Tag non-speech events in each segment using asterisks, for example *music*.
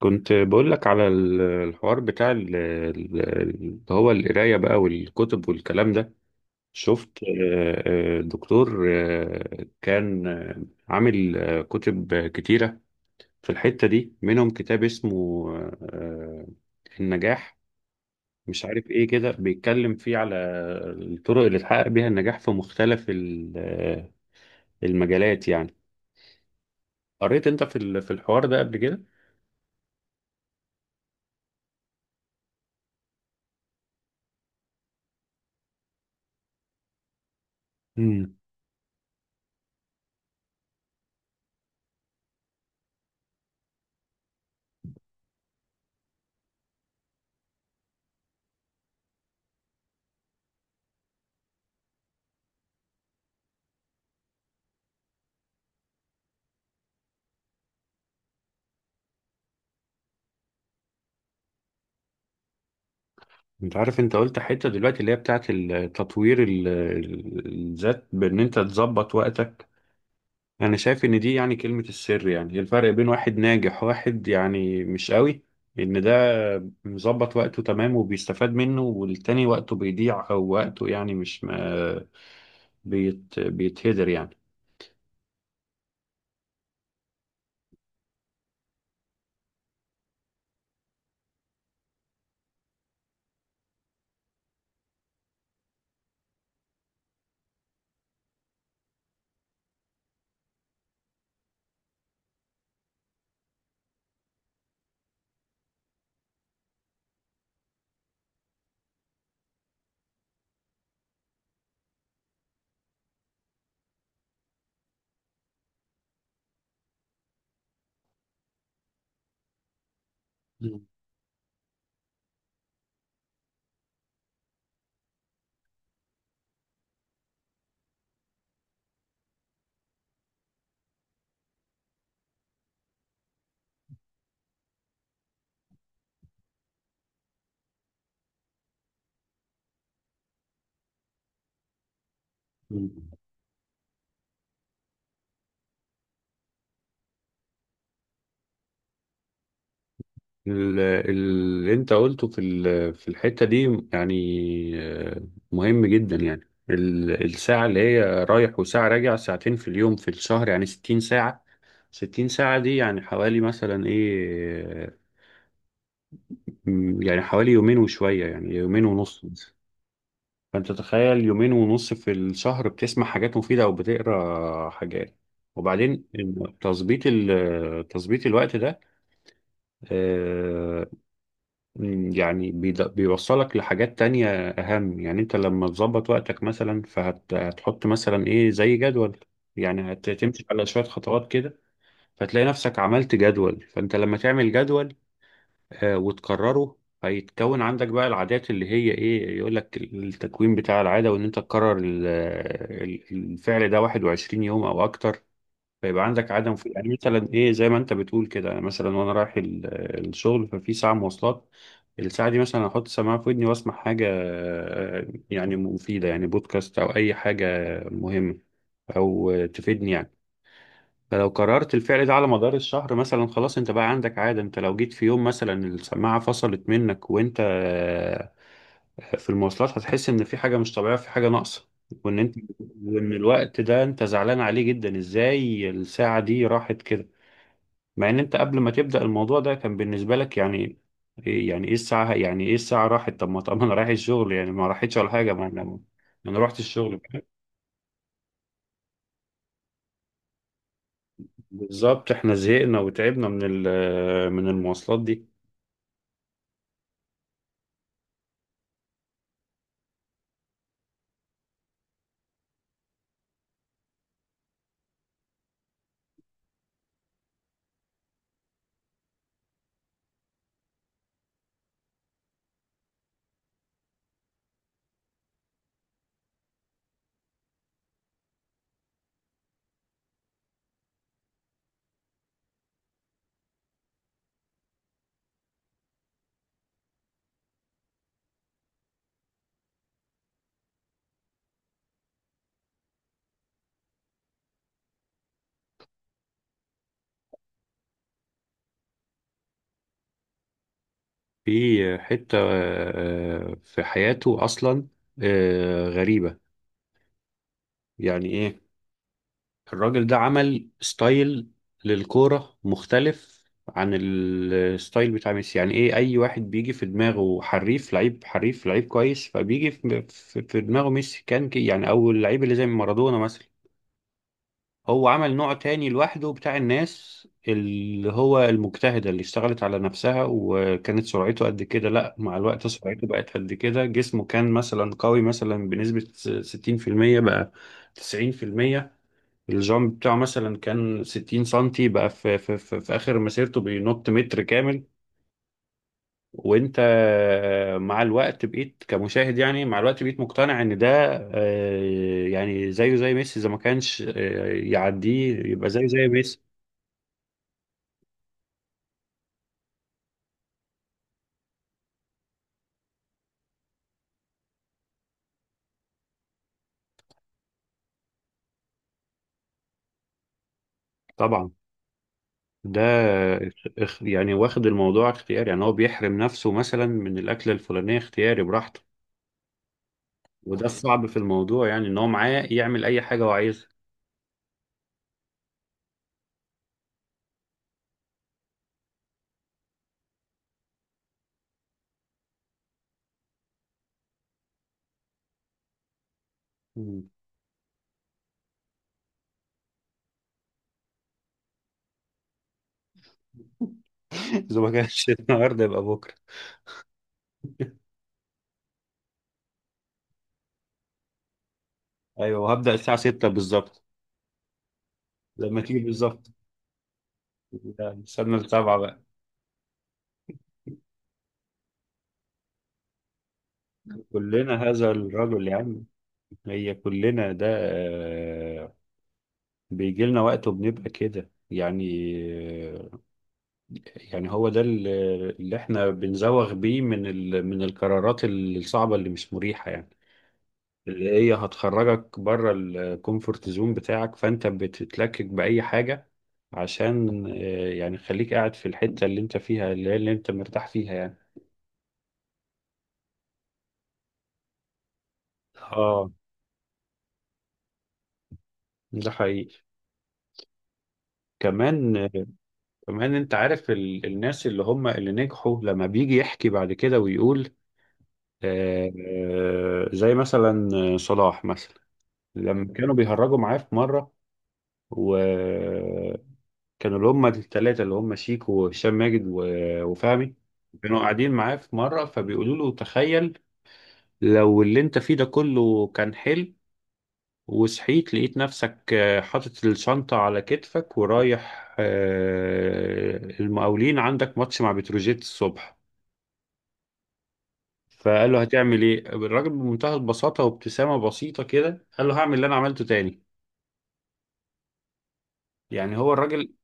كنت بقول لك على الحوار بتاع اللي هو القراية بقى، والكتب والكلام ده. شفت دكتور كان عامل كتب كتيرة. في الحتة دي منهم كتاب اسمه آه، النجاح. مش عارف ايه كده، بيتكلم فيه على الطرق اللي تحقق بيها النجاح في مختلف المجالات يعني. قريت انت في الحوار ده قبل كده؟ انت عارف، انت قلت حتة دلوقتي اللي هي بتاعت تطوير الذات، بان انت تظبط وقتك. انا شايف ان دي يعني كلمة السر. يعني إيه الفرق بين واحد ناجح وواحد يعني مش قوي؟ ان ده مظبط وقته تمام وبيستفاد منه، والتاني وقته بيضيع او وقته يعني مش ما بيتهدر يعني. مم. ال- اللي انت قلته في الحتة دي يعني آه، مهم جدا يعني. الساعة اللي هي رايح وساعة راجع، ساعتين في اليوم، في الشهر يعني 60 ساعة. 60 ساعة دي يعني حوالي مثلا ايه، يعني حوالي يومين وشوية، يعني يومين ونص مثلا. فانت تخيل يومين ونص في الشهر بتسمع حاجات مفيدة او بتقرا حاجات. وبعدين تظبيط الوقت ده، آه، يعني بيوصلك لحاجات تانية أهم. يعني أنت لما تظبط وقتك مثلا، فهتحط مثلا إيه زي جدول. يعني هتمشي على شوية خطوات كده، فتلاقي نفسك عملت جدول. فأنت لما تعمل جدول وتكرره، هيتكون عندك بقى العادات اللي هي إيه، يقولك التكوين بتاع العادة وإن أنت تكرر الفعل ده 21 يوم أو أكتر. فيبقى عندك عدم في، يعني مثلا ايه زي ما انت بتقول كده، يعني مثلا وانا رايح الشغل، ففي ساعه مواصلات. الساعه دي مثلا احط سماعه في ودني واسمع حاجه يعني مفيده، يعني بودكاست او اي حاجه مهمه، او تفيدني يعني. فلو قررت الفعل ده على مدار الشهر مثلا، خلاص انت بقى عندك عاده. انت لو جيت في يوم مثلا السماعه فصلت منك وانت في المواصلات، هتحس ان في حاجه مش طبيعيه، في حاجه ناقصه. وان انت وان الوقت ده انت زعلان عليه جدا، ازاي الساعه دي راحت كده. مع ان انت قبل ما تبدا الموضوع ده كان بالنسبه لك يعني يعني ايه الساعه، يعني ايه الساعه راحت؟ طب ما انا رايح الشغل يعني، ما راحتش ولا حاجه. ما انا ما انا رحت الشغل. بالظبط، احنا زهقنا وتعبنا من ال- آه، من المواصلات دي. في حته في حياته اصلا غريبه، يعني ايه. الراجل ده عمل ستايل للكورة مختلف عن الستايل بتاع ميسي. يعني ايه، اي واحد بيجي في دماغه حريف لعيب، حريف لعيب كويس، فبيجي في دماغه ميسي كان كي يعني، او اللعيب اللي زي مارادونا مثلا. هو عمل نوع تاني لوحده بتاع الناس اللي هو المجتهدة، اللي اشتغلت على نفسها. وكانت سرعته قد كده، لا مع الوقت سرعته بقت قد كده. جسمه كان مثلا قوي مثلا بنسبة 60%، بقى 90%. الجامب بتاعه مثلا كان 60 سنتي، بقى في آخر مسيرته بينط متر كامل. وانت مع الوقت بقيت كمشاهد، يعني مع الوقت بقيت مقتنع ان ده يعني زيه زي ميسي، اذا ما كانش يعديه يبقى زيه زي ميسي. طبعا. ده يعني واخد الموضوع اختياري، يعني هو بيحرم نفسه مثلا من الأكلة الفلانية اختياري براحته. وده الصعب في الموضوع يعني، ان هو معاه يعمل اي حاجة هو عايزها. مم. *laughs* اذا ما كانش النهارده يبقى بكرة. ايوه هبدأ الساعة 6 بالظبط. لما تيجي بالظبط، لا، نستنى السبعة بقى. كلنا هذا الرجل يا عم. هي كلنا ده بيجي لنا وقت وبنبقى كده يعني. آه، يعني هو ده اللي احنا بنزوغ بيه من القرارات الصعبة اللي مش مريحة يعني. اللي هي هتخرجك بره الكومفورت زون بتاعك، فانت بتتلكك بأي حاجة عشان يعني خليك قاعد في الحتة اللي انت فيها، اللي هي اللي انت مرتاح فيها يعني. اه، ده حقيقي. كمان، كمان انت عارف الناس اللي هم اللي نجحوا لما بيجي يحكي بعد كده ويقول، زي مثلا صلاح مثلا، لما كانوا بيهرجوا معاه في مرة. وكانوا اللي هم الثلاثة، اللي هم شيكو وهشام ماجد وفهمي، كانوا قاعدين معاه في مرة فبيقولوا له: تخيل لو اللي انت فيه ده كله كان حلو، وصحيت لقيت نفسك حاطط الشنطة على كتفك ورايح المقاولين عندك ماتش مع بتروجيت الصبح. فقال له: هتعمل ايه؟ الراجل بمنتهى البساطة وابتسامة بسيطة كده قال له: هعمل اللي انا عملته تاني. يعني هو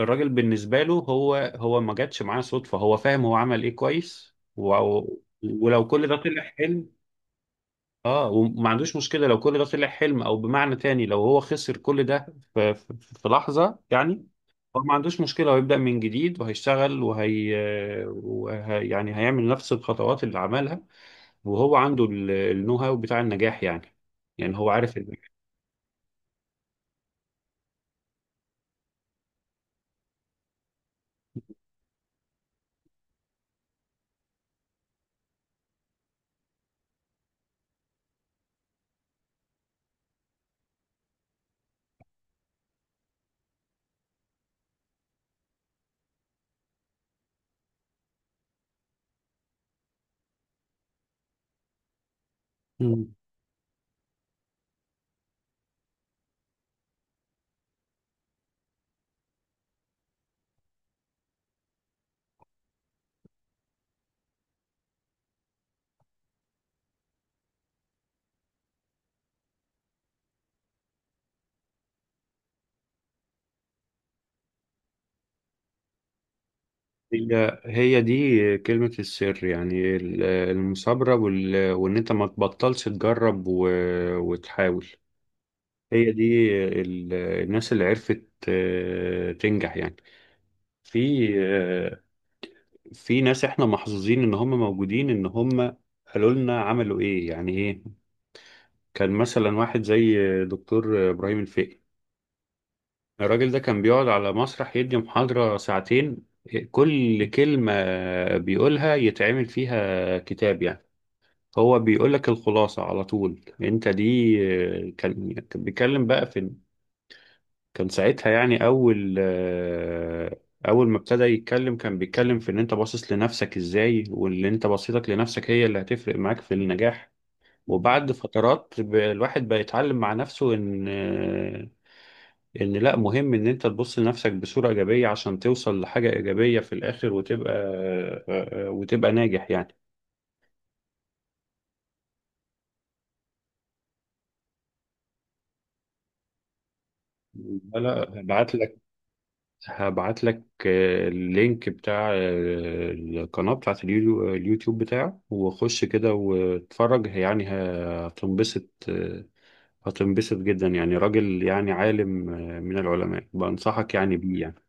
الراجل بالنسبة له هو ما جاتش معاه صدفة، هو فاهم هو عمل ايه كويس ولو كل ده طلع حلم، اه وما عندوش مشكلة. لو كل ده طلع حلم او بمعنى تاني، لو هو خسر كل ده في, في, في لحظة يعني، هو ما عندوش مشكلة، هو يبدأ من جديد وهيشتغل وهي, وهي يعني هيعمل نفس الخطوات اللي عملها. وهو عنده النو هاو بتاع النجاح يعني، يعني هو عارف النجاح. مم. هي دي كلمة السر، يعني المثابرة وإن أنت ما تبطلش تجرب وتحاول. هي دي الناس اللي عرفت تنجح يعني. في آه، في ناس احنا محظوظين ان هم موجودين، ان هم قالوا لنا عملوا ايه يعني ايه. كان مثلا واحد زي دكتور ابراهيم الفقي. الراجل ده كان بيقعد على مسرح يدي محاضرة ساعتين، كل كلمة بيقولها يتعمل فيها كتاب يعني، هو بيقول لك الخلاصة على طول انت دي. كان بيتكلم بقى في، كان ساعتها يعني اول ما ابتدى يتكلم، كان بيتكلم في ان انت باصص لنفسك ازاي، واللي انت بصيتك لنفسك هي اللي هتفرق معاك في النجاح. وبعد فترات الواحد بقى يتعلم مع نفسه ان لا، مهم ان انت تبص لنفسك بصورة ايجابية عشان توصل لحاجة ايجابية في الاخر، وتبقى وتبقى ناجح يعني. لا، لا، هبعت لك اللينك بتاع القناة بتاعت اليوتيوب بتاعه. وخش كده واتفرج يعني هتنبسط، هتنبسط جدا يعني. راجل يعني عالم من العلماء، بنصحك يعني بيه يعني.